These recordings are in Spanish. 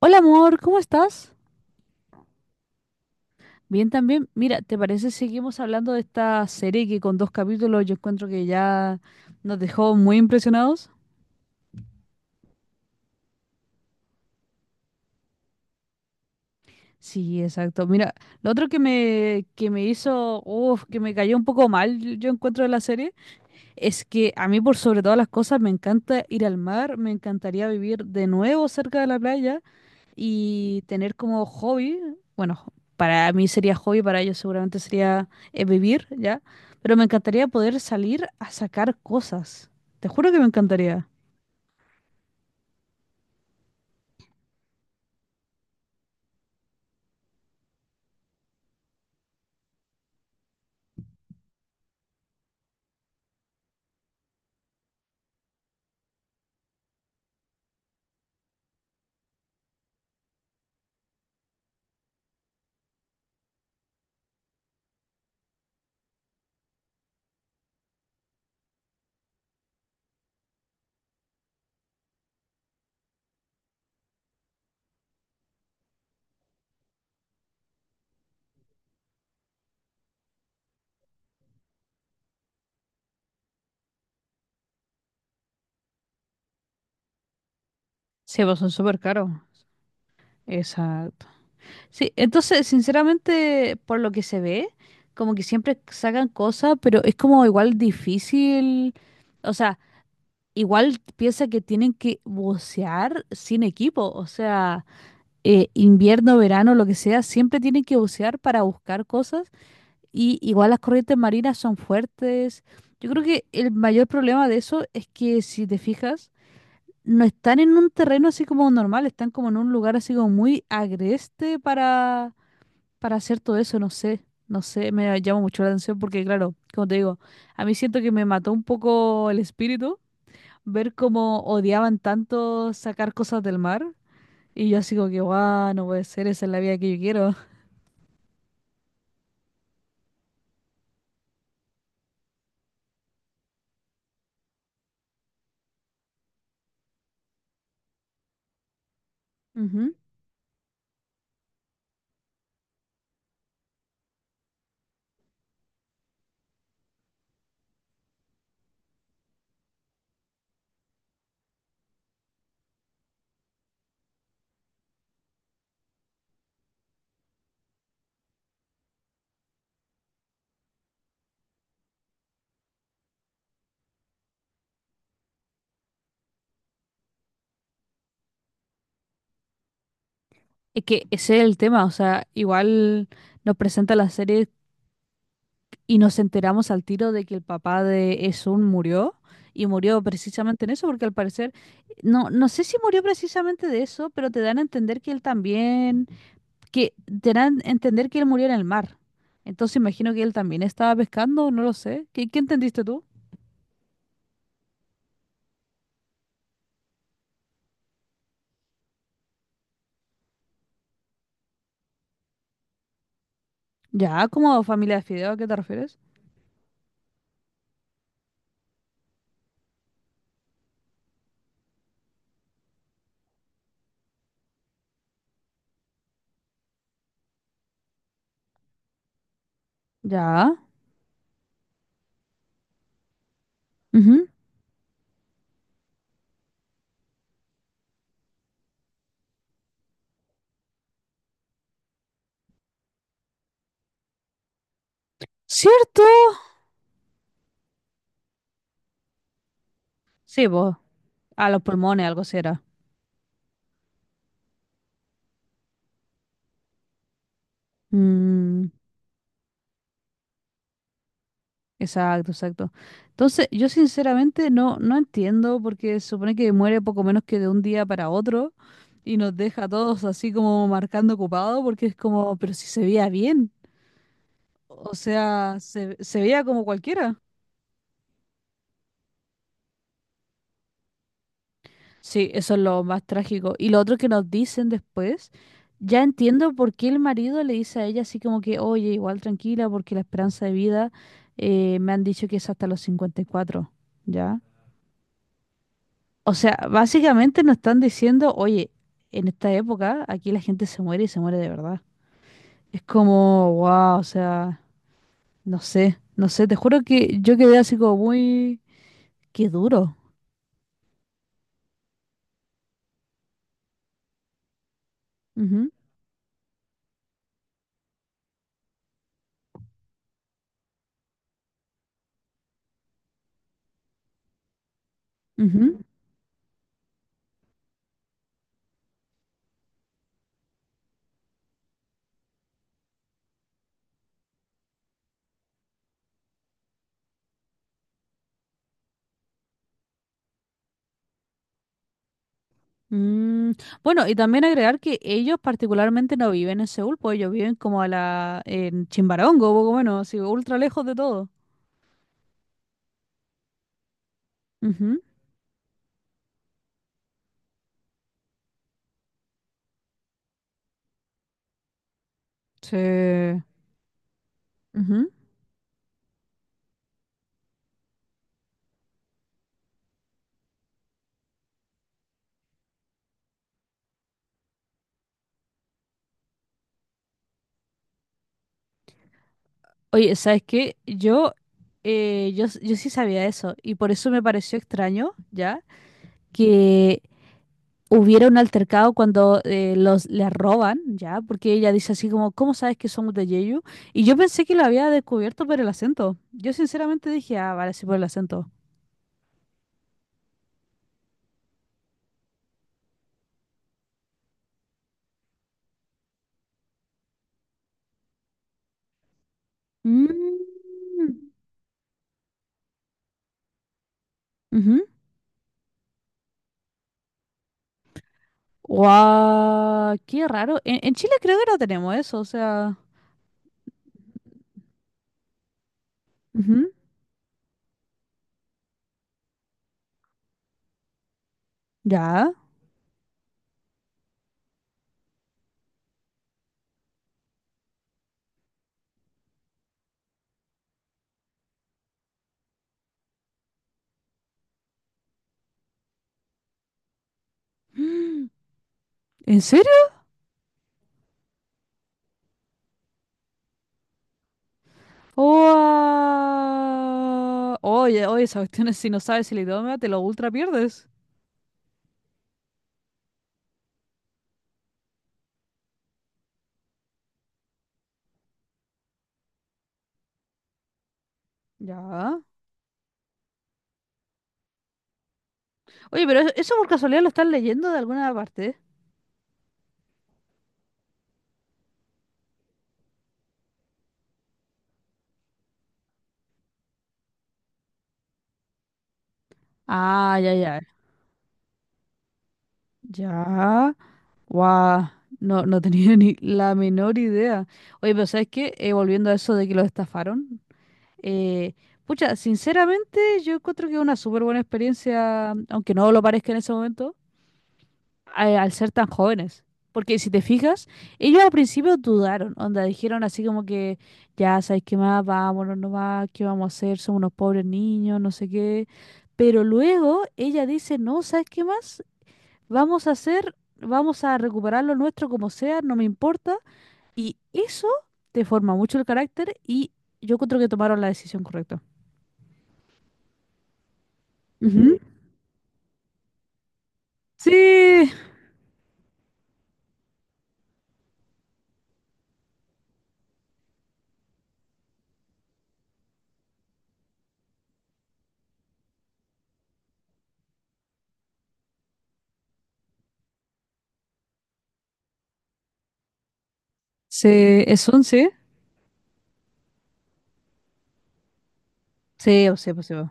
Hola amor, ¿cómo estás? Bien también. Mira, ¿te parece si seguimos hablando de esta serie que con dos capítulos yo encuentro que ya nos dejó muy impresionados? Sí, exacto. Mira, lo otro que me hizo, uf, que me cayó un poco mal, yo encuentro de la serie, es que a mí por sobre todas las cosas me encanta ir al mar, me encantaría vivir de nuevo cerca de la playa, y tener como hobby, bueno, para mí sería hobby, para ellos seguramente sería vivir, ¿ya? Pero me encantaría poder salir a sacar cosas. Te juro que me encantaría. Sí, pues son súper caros. Exacto. Sí, entonces, sinceramente, por lo que se ve, como que siempre sacan cosas, pero es como igual difícil. O sea, igual piensa que tienen que bucear sin equipo. O sea, invierno, verano, lo que sea, siempre tienen que bucear para buscar cosas y igual las corrientes marinas son fuertes. Yo creo que el mayor problema de eso es que si te fijas, no están en un terreno así como normal, están como en un lugar así como muy agreste para hacer todo eso, no sé, no sé, me llama mucho la atención porque claro, como te digo, a mí siento que me mató un poco el espíritu ver cómo odiaban tanto sacar cosas del mar y yo así como que, guau, no puede ser, esa es la vida que yo quiero. Ujú. Es que ese es el tema, o sea, igual nos presenta la serie y nos enteramos al tiro de que el papá de Esun murió y murió precisamente en eso, porque al parecer, no sé si murió precisamente de eso, pero te dan a entender que él también, que te dan a entender que él murió en el mar. Entonces imagino que él también estaba pescando, no lo sé. ¿Qué, qué entendiste tú? Ya, como familia de fideo, ¿a qué te refieres? Ya. Ujú. ¿Cierto? Sí, vos, a los pulmones, algo será. Mm, exacto, exacto. Entonces, yo sinceramente no entiendo porque se supone que muere poco menos que de un día para otro y nos deja a todos así como marcando ocupado porque es como, pero si se veía bien, o sea, se veía como cualquiera. Sí, eso es lo más trágico. Y lo otro que nos dicen después, ya entiendo por qué el marido le dice a ella así como que, oye, igual tranquila, porque la esperanza de vida me han dicho que es hasta los 54, ¿ya? O sea, básicamente nos están diciendo, oye, en esta época aquí la gente se muere y se muere de verdad. Es como, wow, o sea, no sé, no sé, te juro que yo quedé así como muy, qué duro. Ujú, ujú. Mm, bueno, y también agregar que ellos particularmente no viven en Seúl, pues ellos viven como a la, en Chimbarongo, poco bueno, así, ultra lejos de todo. Ujú. Sí. Ujú. Oye, ¿sabes qué? Yo, yo, s- yo sí sabía eso, y por eso me pareció extraño, ¿ya? Que hubiera un altercado cuando los le roban, ¿ya? Porque ella dice así como, ¿cómo sabes que somos de Jeju? Y yo pensé que lo había descubierto por el acento. Yo sinceramente dije, ah, vale, sí por el acento. Mm, ujú. Guau, qué raro. En Chile creo que no tenemos eso, o sea. Ujú. Ya. Mm, ¿en serio? Guau. Oye, oye, esa cuestión es si no sabes el idioma, te lo ultra pierdes. Ya. Oye, pero eso eso por casualidad lo están leyendo de alguna parte. Ah, ya, ya. Ya. Guau. No, no tenía ni la menor idea. Oye, pero ¿sabes qué? Volviendo a eso de que los estafaron. Eh, pucha, sinceramente yo encuentro que es una súper buena experiencia, aunque no lo parezca en ese momento, a- al ser tan jóvenes. Porque si te fijas, ellos al principio dudaron, onda, dijeron así como que, ya sabes qué más, vámonos nomás, qué vamos a hacer, somos unos pobres niños, no sé qué. Pero luego ella dice, no, ¿sabes qué más? Vamos a hacer, vamos a recuperar lo nuestro como sea, no me importa. Y eso te forma mucho el carácter y yo encuentro que tomaron la decisión correcta. Ujú. Sí, sí, es 11, sí, o sea, pues sí, po.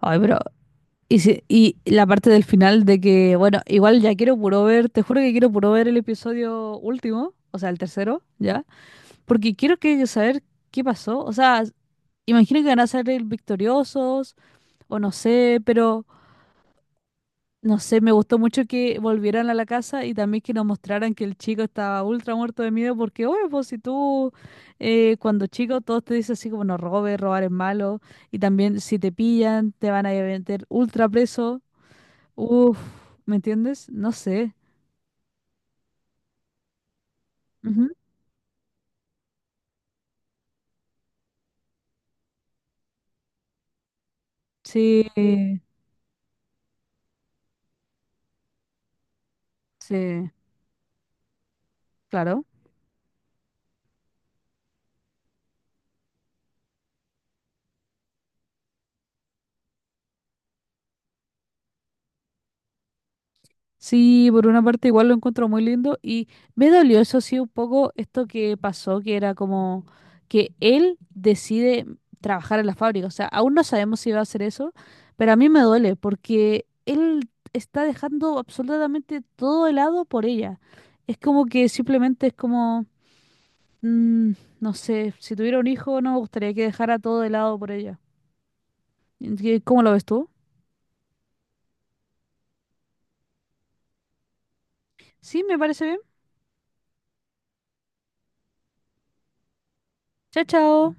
Ay, pero. Y, si- y la parte del final de que, bueno, igual ya quiero puro ver, te juro que quiero puro ver el episodio último, o sea, el tercero, ya, porque quiero que saber qué pasó. O sea, imagino que van a salir victoriosos, o no sé, pero. No sé, me gustó mucho que volvieran a la casa y también que nos mostraran que el chico estaba ultra muerto de miedo porque, oye, pues si tú cuando chico todos te dicen así como no robes, robar es malo y también si te pillan te van a meter ultra preso. Uf, ¿me entiendes? No sé. Ujú. Sí, sí, claro. Sí, por una parte igual lo encuentro muy lindo y me dolió eso sí un poco esto que pasó, que era como que él decide trabajar en la fábrica, o sea, aún no sabemos si va a hacer eso, pero a mí me duele porque él está dejando absolutamente todo helado por ella. Es como que simplemente es como, mm, no sé, si tuviera un hijo no me gustaría que dejara todo helado por ella. ¿Qué- ¿Cómo lo ves tú? Sí, me parece bien. Chao, chao.